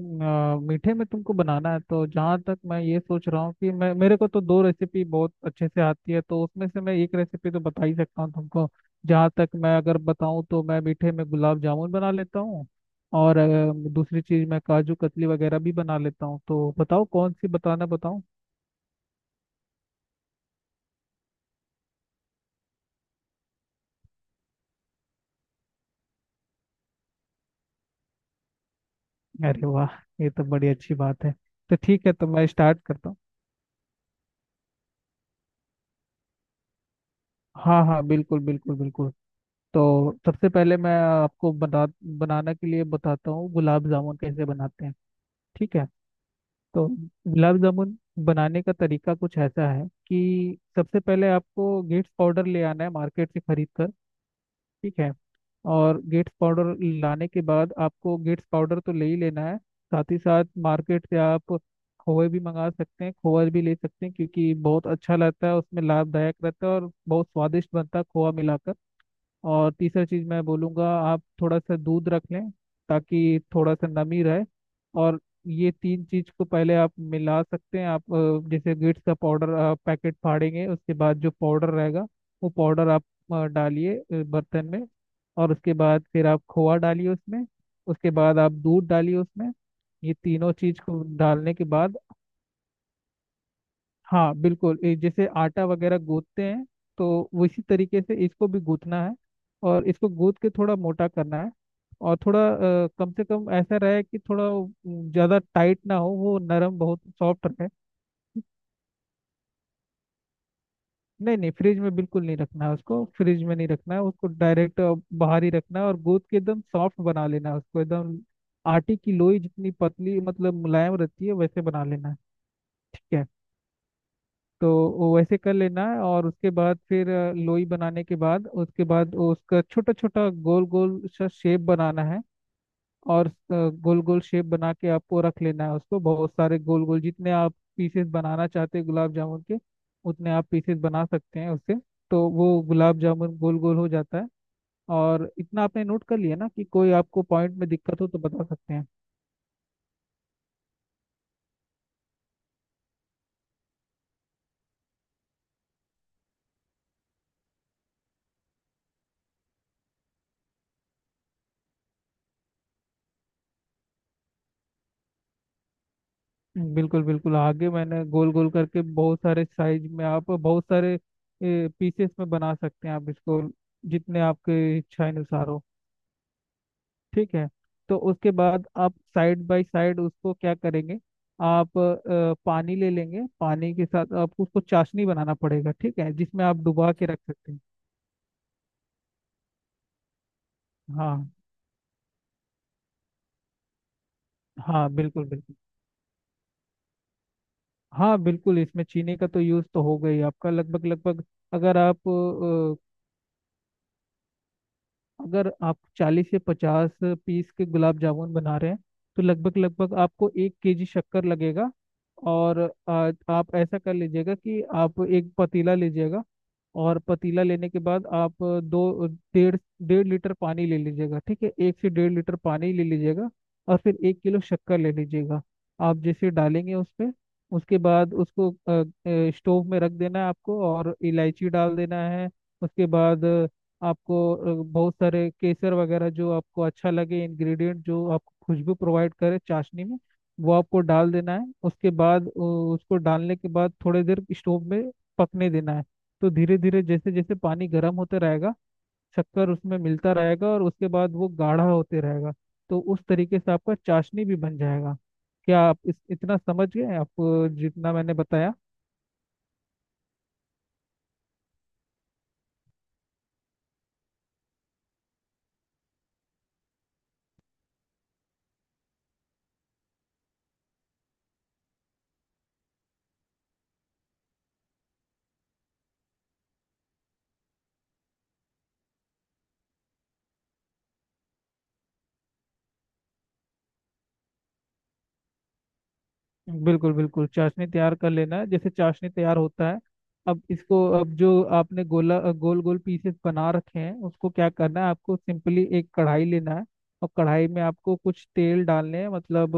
मीठे में तुमको बनाना है तो जहाँ तक मैं ये सोच रहा हूँ कि मैं मेरे को तो दो रेसिपी बहुत अच्छे से आती है, तो उसमें से मैं एक रेसिपी तो बता ही सकता हूँ तुमको। जहाँ तक मैं अगर बताऊँ तो मैं मीठे में गुलाब जामुन बना लेता हूँ। और दूसरी चीज़ मैं काजू कतली वगैरह भी बना लेता हूँ, तो बताओ कौन सी बताना बताऊँ। अरे वाह! ये तो बड़ी अच्छी बात है। तो ठीक है, तो मैं स्टार्ट करता हूँ। हाँ, हाँ, बिल्कुल, बिल्कुल, बिल्कुल। तो सबसे पहले मैं आपको बता बनाने के लिए बताता हूँ गुलाब जामुन कैसे बनाते हैं। ठीक है। तो गुलाब जामुन बनाने का तरीका कुछ ऐसा है कि सबसे पहले आपको गेट्स पाउडर ले आना है मार्केट से खरीद कर। ठीक है। और गेट्स पाउडर लाने के बाद आपको गेट्स पाउडर तो ले ही लेना है। साथ ही साथ मार्केट से आप खोए भी मंगा सकते हैं, खोआ भी ले सकते हैं, क्योंकि बहुत अच्छा लगता है उसमें, लाभदायक रहता है और बहुत स्वादिष्ट बनता है खोआ मिलाकर। और तीसरा चीज मैं बोलूँगा, आप थोड़ा सा दूध रख लें ताकि थोड़ा सा नमी रहे। और ये तीन चीज को पहले आप मिला सकते हैं। आप जैसे गिट्स का पाउडर आप पैकेट फाड़ेंगे, उसके बाद जो पाउडर रहेगा वो पाउडर आप डालिए बर्तन में। और उसके बाद फिर आप खोआ डालिए उसमें। उसके बाद आप दूध डालिए उसमें। ये तीनों चीज को डालने के बाद, हाँ बिल्कुल, ये जैसे आटा वगैरह गूंथते हैं तो उसी तरीके से इसको भी गूंथना है। और इसको गूंथ के थोड़ा मोटा करना है। और थोड़ा कम से कम ऐसा रहे कि थोड़ा ज्यादा टाइट ना हो, वो नरम बहुत सॉफ्ट रहे। नहीं, नहीं, फ्रिज में बिल्कुल नहीं रखना है उसको, फ्रिज में नहीं रखना है उसको, डायरेक्ट बाहर ही रखना है, और गूंथ के एकदम सॉफ्ट बना लेना है उसको, एकदम। आटे की लोई जितनी पतली मतलब मुलायम रहती है वैसे बना लेना है। ठीक है। तो वो वैसे कर लेना है, और उसके बाद फिर लोई बनाने के बाद उसके बाद वो उसका छोटा छोटा गोल गोल सा शेप बनाना है। और गोल गोल शेप बना के आपको रख लेना है उसको, बहुत सारे गोल गोल, जितने आप पीसेस बनाना चाहते हैं गुलाब जामुन के, उतने आप पीसेस बना सकते हैं उससे। तो वो गुलाब जामुन गोल गोल हो जाता है। और इतना आपने नोट कर लिया ना, कि कोई आपको पॉइंट में दिक्कत हो तो बता सकते हैं। बिल्कुल, बिल्कुल, आगे मैंने गोल गोल करके बहुत सारे साइज में, आप बहुत सारे पीसेस में बना सकते हैं आप इसको, जितने आपके इच्छा अनुसार हो। ठीक है। तो उसके बाद आप साइड बाय साइड उसको क्या करेंगे, आप पानी ले लेंगे। पानी के साथ आपको उसको चाशनी बनाना पड़ेगा, ठीक है, जिसमें आप डुबा के रख सकते हैं। हाँ, हाँ, बिल्कुल, बिल्कुल। हाँ बिल्कुल, इसमें चीनी का तो यूज़ तो हो गई आपका, लगभग लगभग। अगर आप अगर आप 40 से 50 पीस के गुलाब जामुन बना रहे हैं, तो लगभग लगभग आपको 1 केजी शक्कर लगेगा। और आप ऐसा कर लीजिएगा कि आप एक पतीला लीजिएगा। और पतीला लेने के बाद आप दो डेढ़ डेढ़ लीटर पानी ले लीजिएगा, ठीक है, एक से डेढ़ लीटर पानी ले लीजिएगा। और फिर 1 किलो शक्कर ले लीजिएगा। आप जैसे डालेंगे उस पे, उसके बाद उसको स्टोव में रख देना है आपको, और इलायची डाल देना है। उसके बाद आपको बहुत सारे केसर वगैरह जो आपको अच्छा लगे, इंग्रेडिएंट जो आपको खुशबू प्रोवाइड करे चाशनी में, वो आपको डाल देना है। उसके बाद उसको डालने के बाद थोड़ी देर स्टोव में पकने देना है। तो धीरे धीरे जैसे जैसे पानी गर्म होता रहेगा, शक्कर उसमें मिलता रहेगा, और उसके बाद वो गाढ़ा होते रहेगा। तो उस तरीके से आपका चाशनी भी बन जाएगा। क्या आप इस इतना समझ गए आप, जितना मैंने बताया? बिल्कुल, बिल्कुल, चाशनी तैयार कर लेना है, जैसे चाशनी तैयार होता है। अब इसको, अब जो आपने गोला गोल गोल पीसेस बना रखे हैं, उसको क्या करना है, आपको सिंपली एक कढ़ाई लेना है। और कढ़ाई में आपको कुछ तेल डालने हैं, मतलब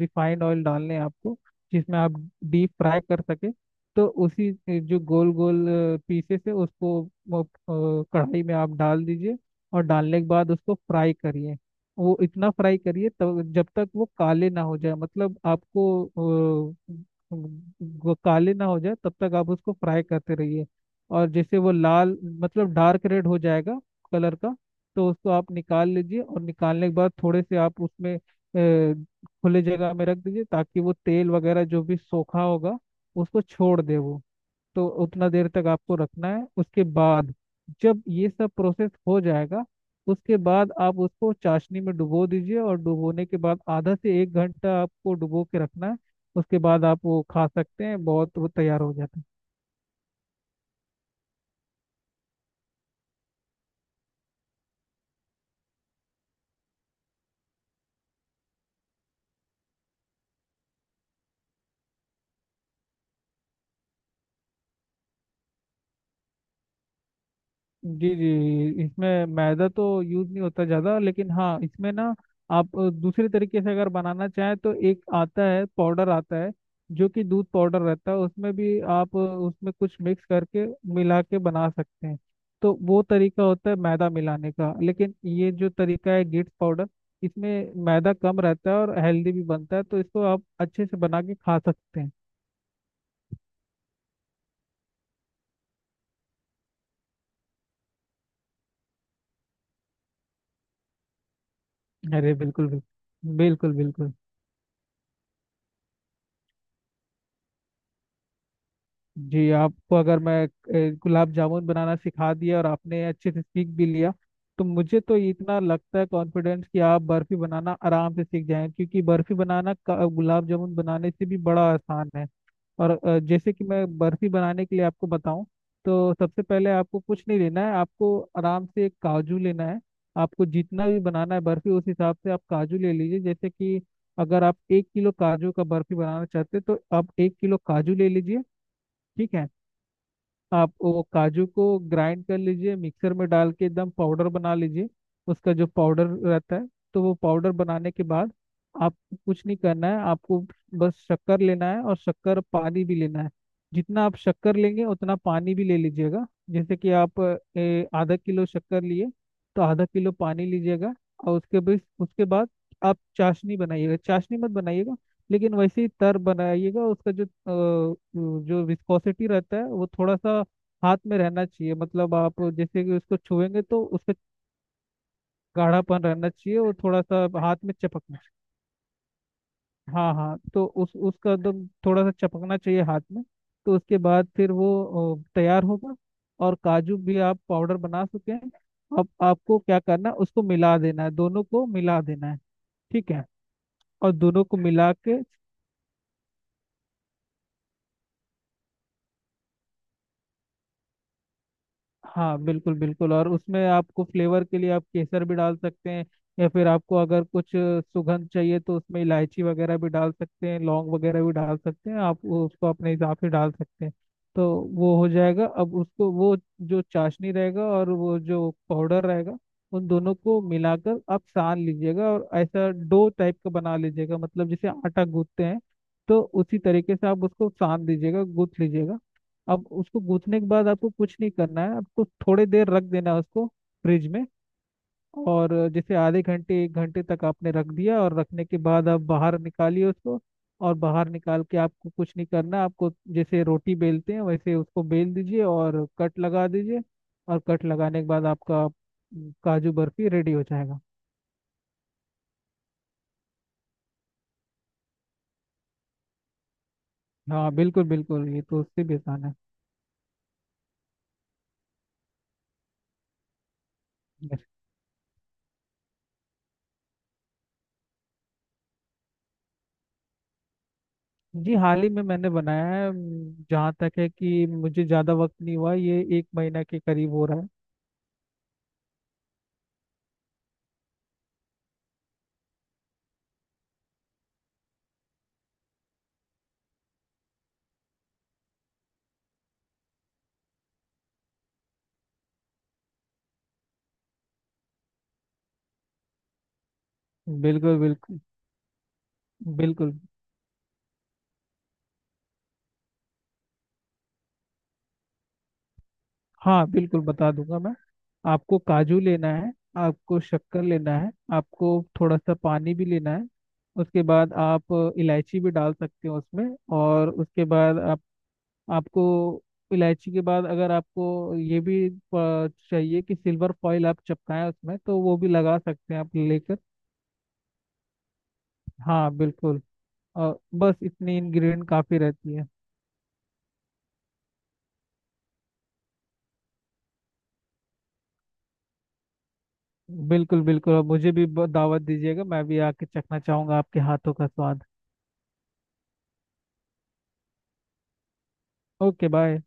रिफाइंड ऑयल डालने हैं आपको, जिसमें आप डीप फ्राई कर सके। तो उसी जो गोल गोल पीसेस है उसको कढ़ाई में आप डाल दीजिए। और डालने के बाद उसको फ्राई करिए। वो इतना फ्राई करिए तब, जब तक वो काले ना हो जाए, मतलब आपको अ, वो काले ना हो जाए तब तक आप उसको फ्राई करते रहिए। और जैसे वो लाल मतलब डार्क रेड हो जाएगा कलर का, तो उसको आप निकाल लीजिए, और निकालने के बाद थोड़े से आप उसमें खुले जगह में रख दीजिए, ताकि वो तेल वगैरह जो भी सोखा होगा उसको छोड़ दे वो। तो उतना देर तक आपको रखना है, उसके बाद जब ये सब प्रोसेस हो जाएगा, उसके बाद आप उसको चाशनी में डुबो दीजिए, और डुबोने के बाद आधा से 1 घंटा आपको डुबो के रखना है। उसके बाद आप वो खा सकते हैं, बहुत वो तैयार हो जाता है। जी, जी, इसमें मैदा तो यूज नहीं होता ज़्यादा, लेकिन हाँ इसमें ना, आप दूसरे तरीके से अगर बनाना चाहें तो एक आता है पाउडर, आता है जो कि दूध पाउडर रहता है, उसमें भी आप उसमें कुछ मिक्स करके मिला के बना सकते हैं। तो वो तरीका होता है मैदा मिलाने का, लेकिन ये जो तरीका है गिट्स पाउडर, इसमें मैदा कम रहता है और हेल्दी भी बनता है, तो इसको आप अच्छे से बना के खा सकते हैं। अरे, बिल्कुल, बिल्कुल, बिल्कुल, बिल्कुल। जी आपको अगर मैं गुलाब जामुन बनाना सिखा दिया और आपने अच्छे से सीख भी लिया, तो मुझे तो इतना लगता है कॉन्फिडेंस, कि आप बर्फी बनाना आराम से सीख जाएं, क्योंकि गुलाब जामुन बनाने से भी बड़ा आसान है। और जैसे कि मैं बर्फी बनाने के लिए आपको बताऊं, तो सबसे पहले आपको कुछ नहीं लेना है, आपको आराम से एक काजू लेना है। आपको जितना भी बनाना है बर्फी, उस हिसाब से आप काजू ले लीजिए, जैसे कि अगर आप 1 किलो काजू का बर्फी बनाना चाहते हैं, तो आप 1 किलो काजू ले लीजिए। ठीक है। आप वो काजू को ग्राइंड कर लीजिए, मिक्सर में डाल के एकदम पाउडर बना लीजिए, उसका जो पाउडर रहता है। तो वो पाउडर बनाने के बाद आपको कुछ नहीं करना है, आपको बस शक्कर लेना है, और शक्कर पानी भी लेना है। जितना आप शक्कर लेंगे उतना पानी भी ले लीजिएगा, जैसे कि आप आधा किलो शक्कर लिए तो आधा किलो पानी लीजिएगा। और उसके बाद आप चाशनी बनाइएगा, चाशनी मत बनाइएगा लेकिन वैसे ही तर बनाइएगा उसका, जो जो विस्कोसिटी रहता है वो थोड़ा सा हाथ में रहना चाहिए, मतलब आप जैसे कि उसको छुएंगे तो उसका गाढ़ापन रहना चाहिए और थोड़ा सा हाथ में चपकना चाहिए। हाँ, हाँ, तो उस उसका एकदम थोड़ा सा चपकना चाहिए हाथ में। तो उसके बाद फिर वो तैयार होगा। और काजू भी आप पाउडर बना चुके हैं। अब आपको क्या करना है, उसको मिला देना है, दोनों को मिला देना है। ठीक है। और दोनों को मिला के, हाँ बिल्कुल, बिल्कुल, और उसमें आपको फ्लेवर के लिए आप केसर भी डाल सकते हैं। या फिर आपको अगर कुछ सुगंध चाहिए तो उसमें इलायची वगैरह भी डाल सकते हैं, लौंग वगैरह भी डाल सकते हैं, आप वो उसको अपने हिसाब से डाल सकते हैं। तो वो हो जाएगा। अब उसको वो, जो चाशनी रहेगा और वो जो पाउडर रहेगा, उन दोनों को मिलाकर आप सान लीजिएगा, और ऐसा डो टाइप का बना लीजिएगा, मतलब जैसे आटा गूंथते हैं तो उसी तरीके से आप उसको सान दीजिएगा, गूंथ लीजिएगा। अब उसको गूंथने के बाद आपको कुछ नहीं करना है, आपको थोड़ी देर रख देना है उसको फ्रिज में। और जैसे आधे घंटे 1 घंटे तक आपने रख दिया, और रखने के बाद आप बाहर निकालिए उसको। और बाहर निकाल के आपको कुछ नहीं करना, आपको जैसे रोटी बेलते हैं वैसे उसको बेल दीजिए और कट लगा दीजिए। और कट लगाने के बाद आपका काजू बर्फी रेडी हो जाएगा। हाँ, बिल्कुल, बिल्कुल, ये तो उससे भी आसान है। Yes. जी हाल ही में मैंने बनाया है। जहाँ तक है कि मुझे ज़्यादा वक्त नहीं हुआ, ये एक महीना के करीब हो रहा है। बिल्कुल, बिल्कुल, बिल्कुल। हाँ बिल्कुल, बता दूंगा मैं। आपको काजू लेना है, आपको शक्कर लेना है, आपको थोड़ा सा पानी भी लेना है। उसके बाद आप इलायची भी डाल सकते हो उसमें। और उसके बाद आप आपको इलायची के बाद, अगर आपको ये भी चाहिए कि सिल्वर फॉइल आप चिपकाएं उसमें, तो वो भी लगा सकते हैं आप लेकर। हाँ बिल्कुल। और बस इतनी इंग्रेडिएंट काफ़ी रहती है। बिल्कुल, बिल्कुल, और मुझे भी दावत दीजिएगा, मैं भी आके चखना चाहूंगा आपके हाथों का स्वाद। Okay, bye.